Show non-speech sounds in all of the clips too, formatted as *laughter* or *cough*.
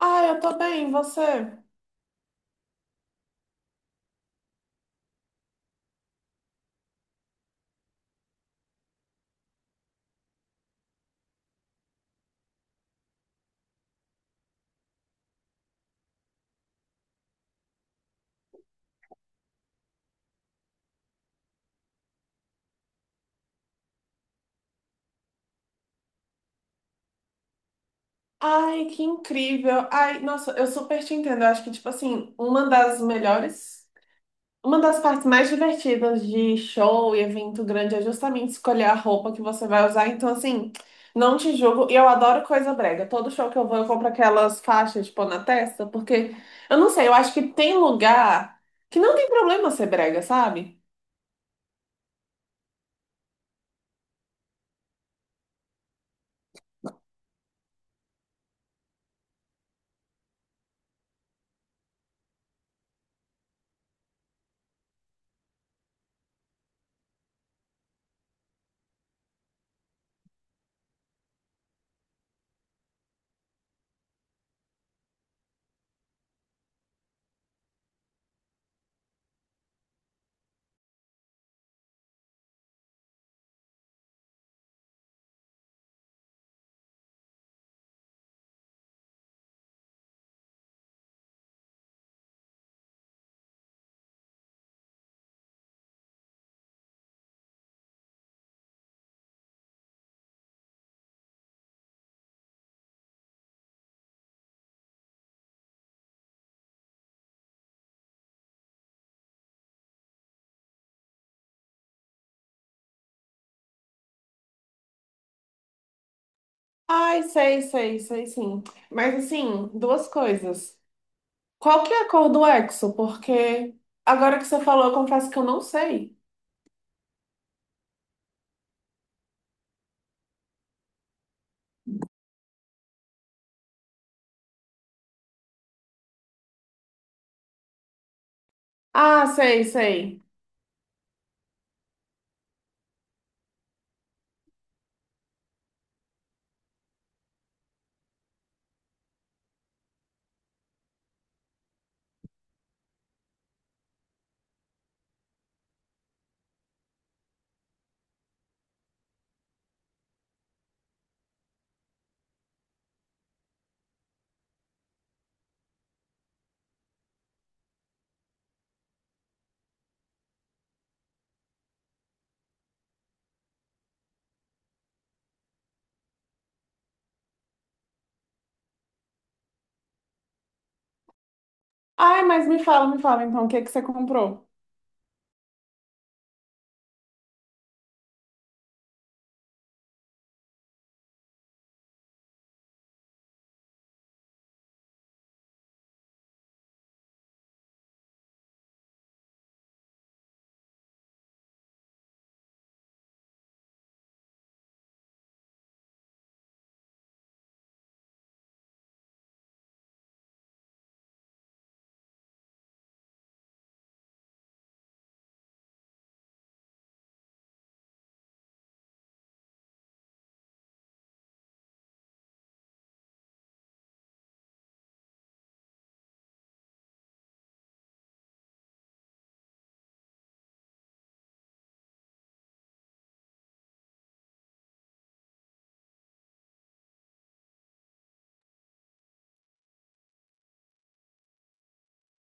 Ai, eu tô bem, e você? Ai, que incrível. Ai, nossa, eu super te entendo. Eu acho que, tipo assim, uma das melhores, uma das partes mais divertidas de show e evento grande é justamente escolher a roupa que você vai usar. Então, assim, não te julgo. E eu adoro coisa brega. Todo show que eu vou, eu compro aquelas faixas, tipo, na testa, porque eu não sei, eu acho que tem lugar que não tem problema ser brega, sabe? Ai, sei, sei, sei, sim. Mas assim, duas coisas. Qual que é a cor do Exo? Porque agora que você falou, eu confesso que eu não sei. Ah, sei, sei. Ai, mas me fala então, o que que você comprou?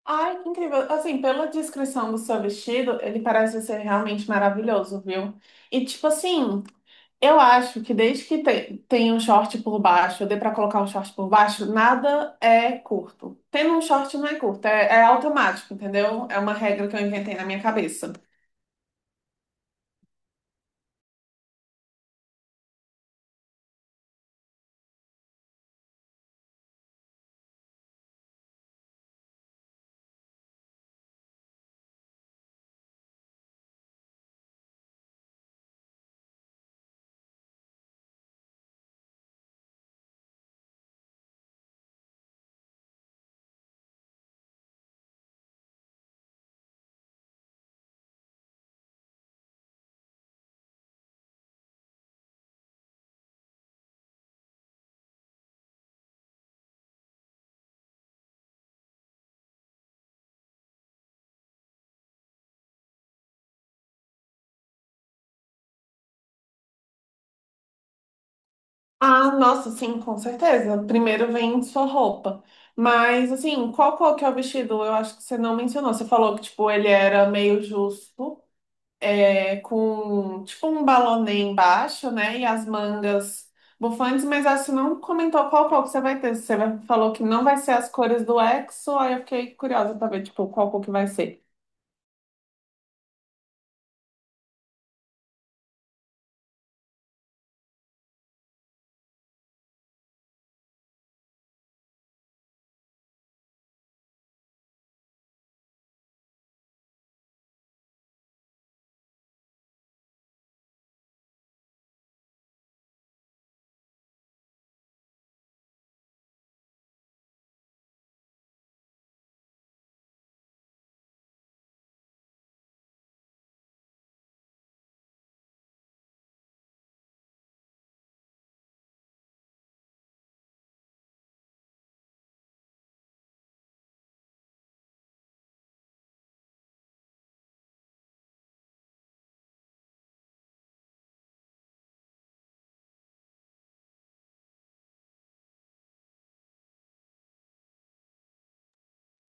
Ai, que incrível. Assim, pela descrição do seu vestido, ele parece ser realmente maravilhoso, viu? E tipo assim, eu acho que desde que tem um short por baixo, dê pra colocar um short por baixo, nada é curto. Tendo um short não é curto, é automático, entendeu? É uma regra que eu inventei na minha cabeça. Ah, nossa, sim, com certeza. Primeiro vem sua roupa. Mas, assim, qual cor que é o vestido? Eu acho que você não mencionou. Você falou que, tipo, ele era meio justo com tipo um balonê embaixo, né? E as mangas bufantes, mas acho que não comentou qual cor que você vai ter. Falou que não vai ser as cores do EXO, aí eu fiquei curiosa pra ver, tipo, qual cor que vai ser.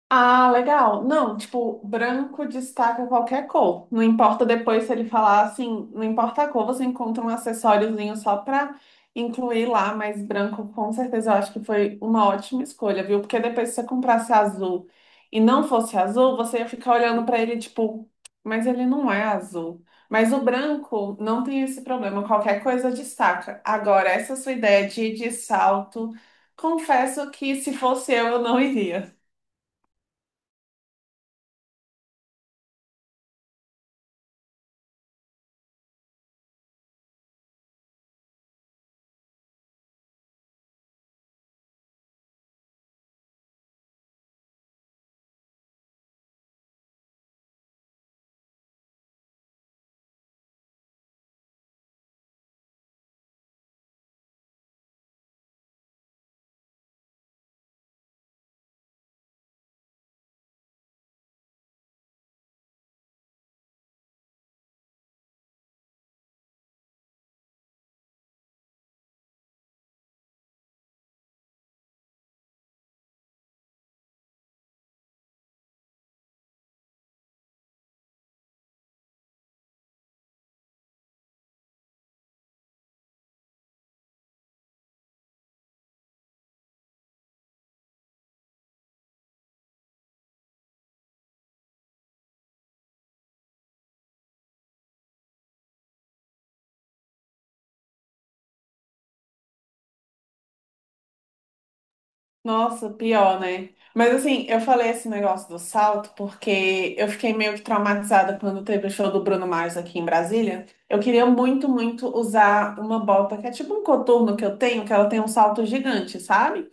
Ah, legal. Não, tipo, branco destaca qualquer cor. Não importa depois se ele falar assim, não importa a cor, você encontra um acessóriozinho só pra incluir lá, mas branco com certeza eu acho que foi uma ótima escolha, viu? Porque depois se você comprasse azul e não fosse azul, você ia ficar olhando pra ele tipo, mas ele não é azul. Mas o branco não tem esse problema, qualquer coisa destaca. Agora, essa sua ideia de ir de salto, confesso que se fosse eu não iria. Nossa, pior, né? Mas assim, eu falei esse negócio do salto porque eu fiquei meio que traumatizada quando teve o show do Bruno Mars aqui em Brasília. Eu queria muito usar uma bota que é tipo um coturno que eu tenho, que ela tem um salto gigante, sabe?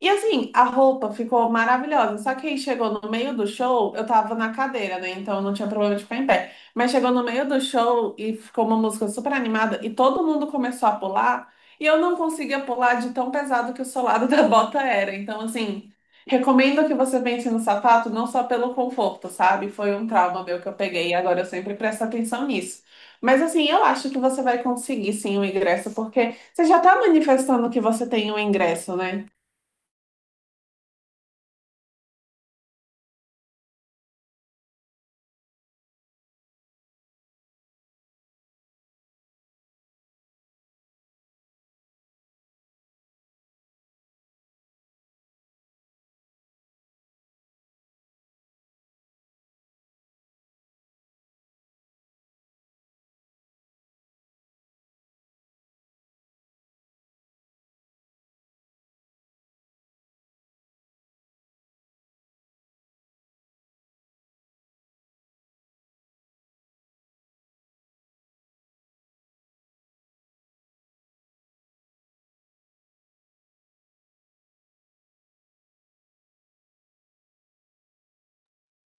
E assim, a roupa ficou maravilhosa. Só que aí chegou no meio do show, eu tava na cadeira, né? Então eu não tinha problema de ficar em pé. Mas chegou no meio do show e ficou uma música super animada e todo mundo começou a pular. E eu não conseguia pular de tão pesado que o solado *laughs* da bota era. Então, assim, recomendo que você pense no sapato, não só pelo conforto, sabe? Foi um trauma meu que eu peguei e agora eu sempre presto atenção nisso. Mas assim, eu acho que você vai conseguir sim o ingresso, porque você já tá manifestando que você tem o ingresso, né?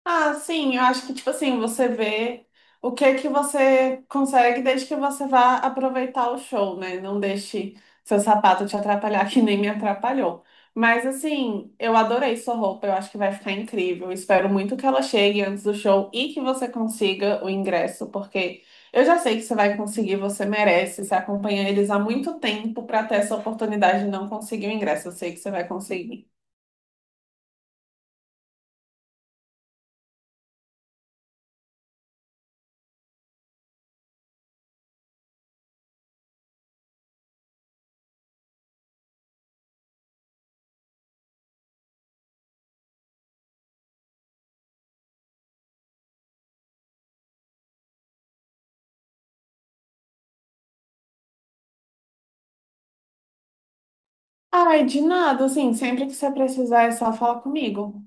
Ah, sim, eu acho que, tipo assim, você vê o que é que você consegue desde que você vá aproveitar o show, né? Não deixe seu sapato te atrapalhar, *laughs* que nem me atrapalhou. Mas, assim, eu adorei sua roupa, eu acho que vai ficar incrível. Espero muito que ela chegue antes do show e que você consiga o ingresso, porque eu já sei que você vai conseguir, você merece. Você acompanha eles há muito tempo para ter essa oportunidade de não conseguir o ingresso. Eu sei que você vai conseguir. Ai, de nada, assim, sempre que você precisar é só falar comigo.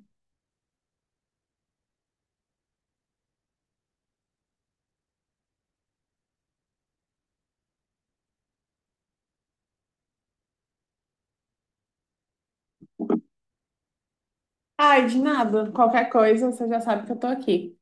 Ai, de nada. Qualquer coisa, você já sabe que eu tô aqui.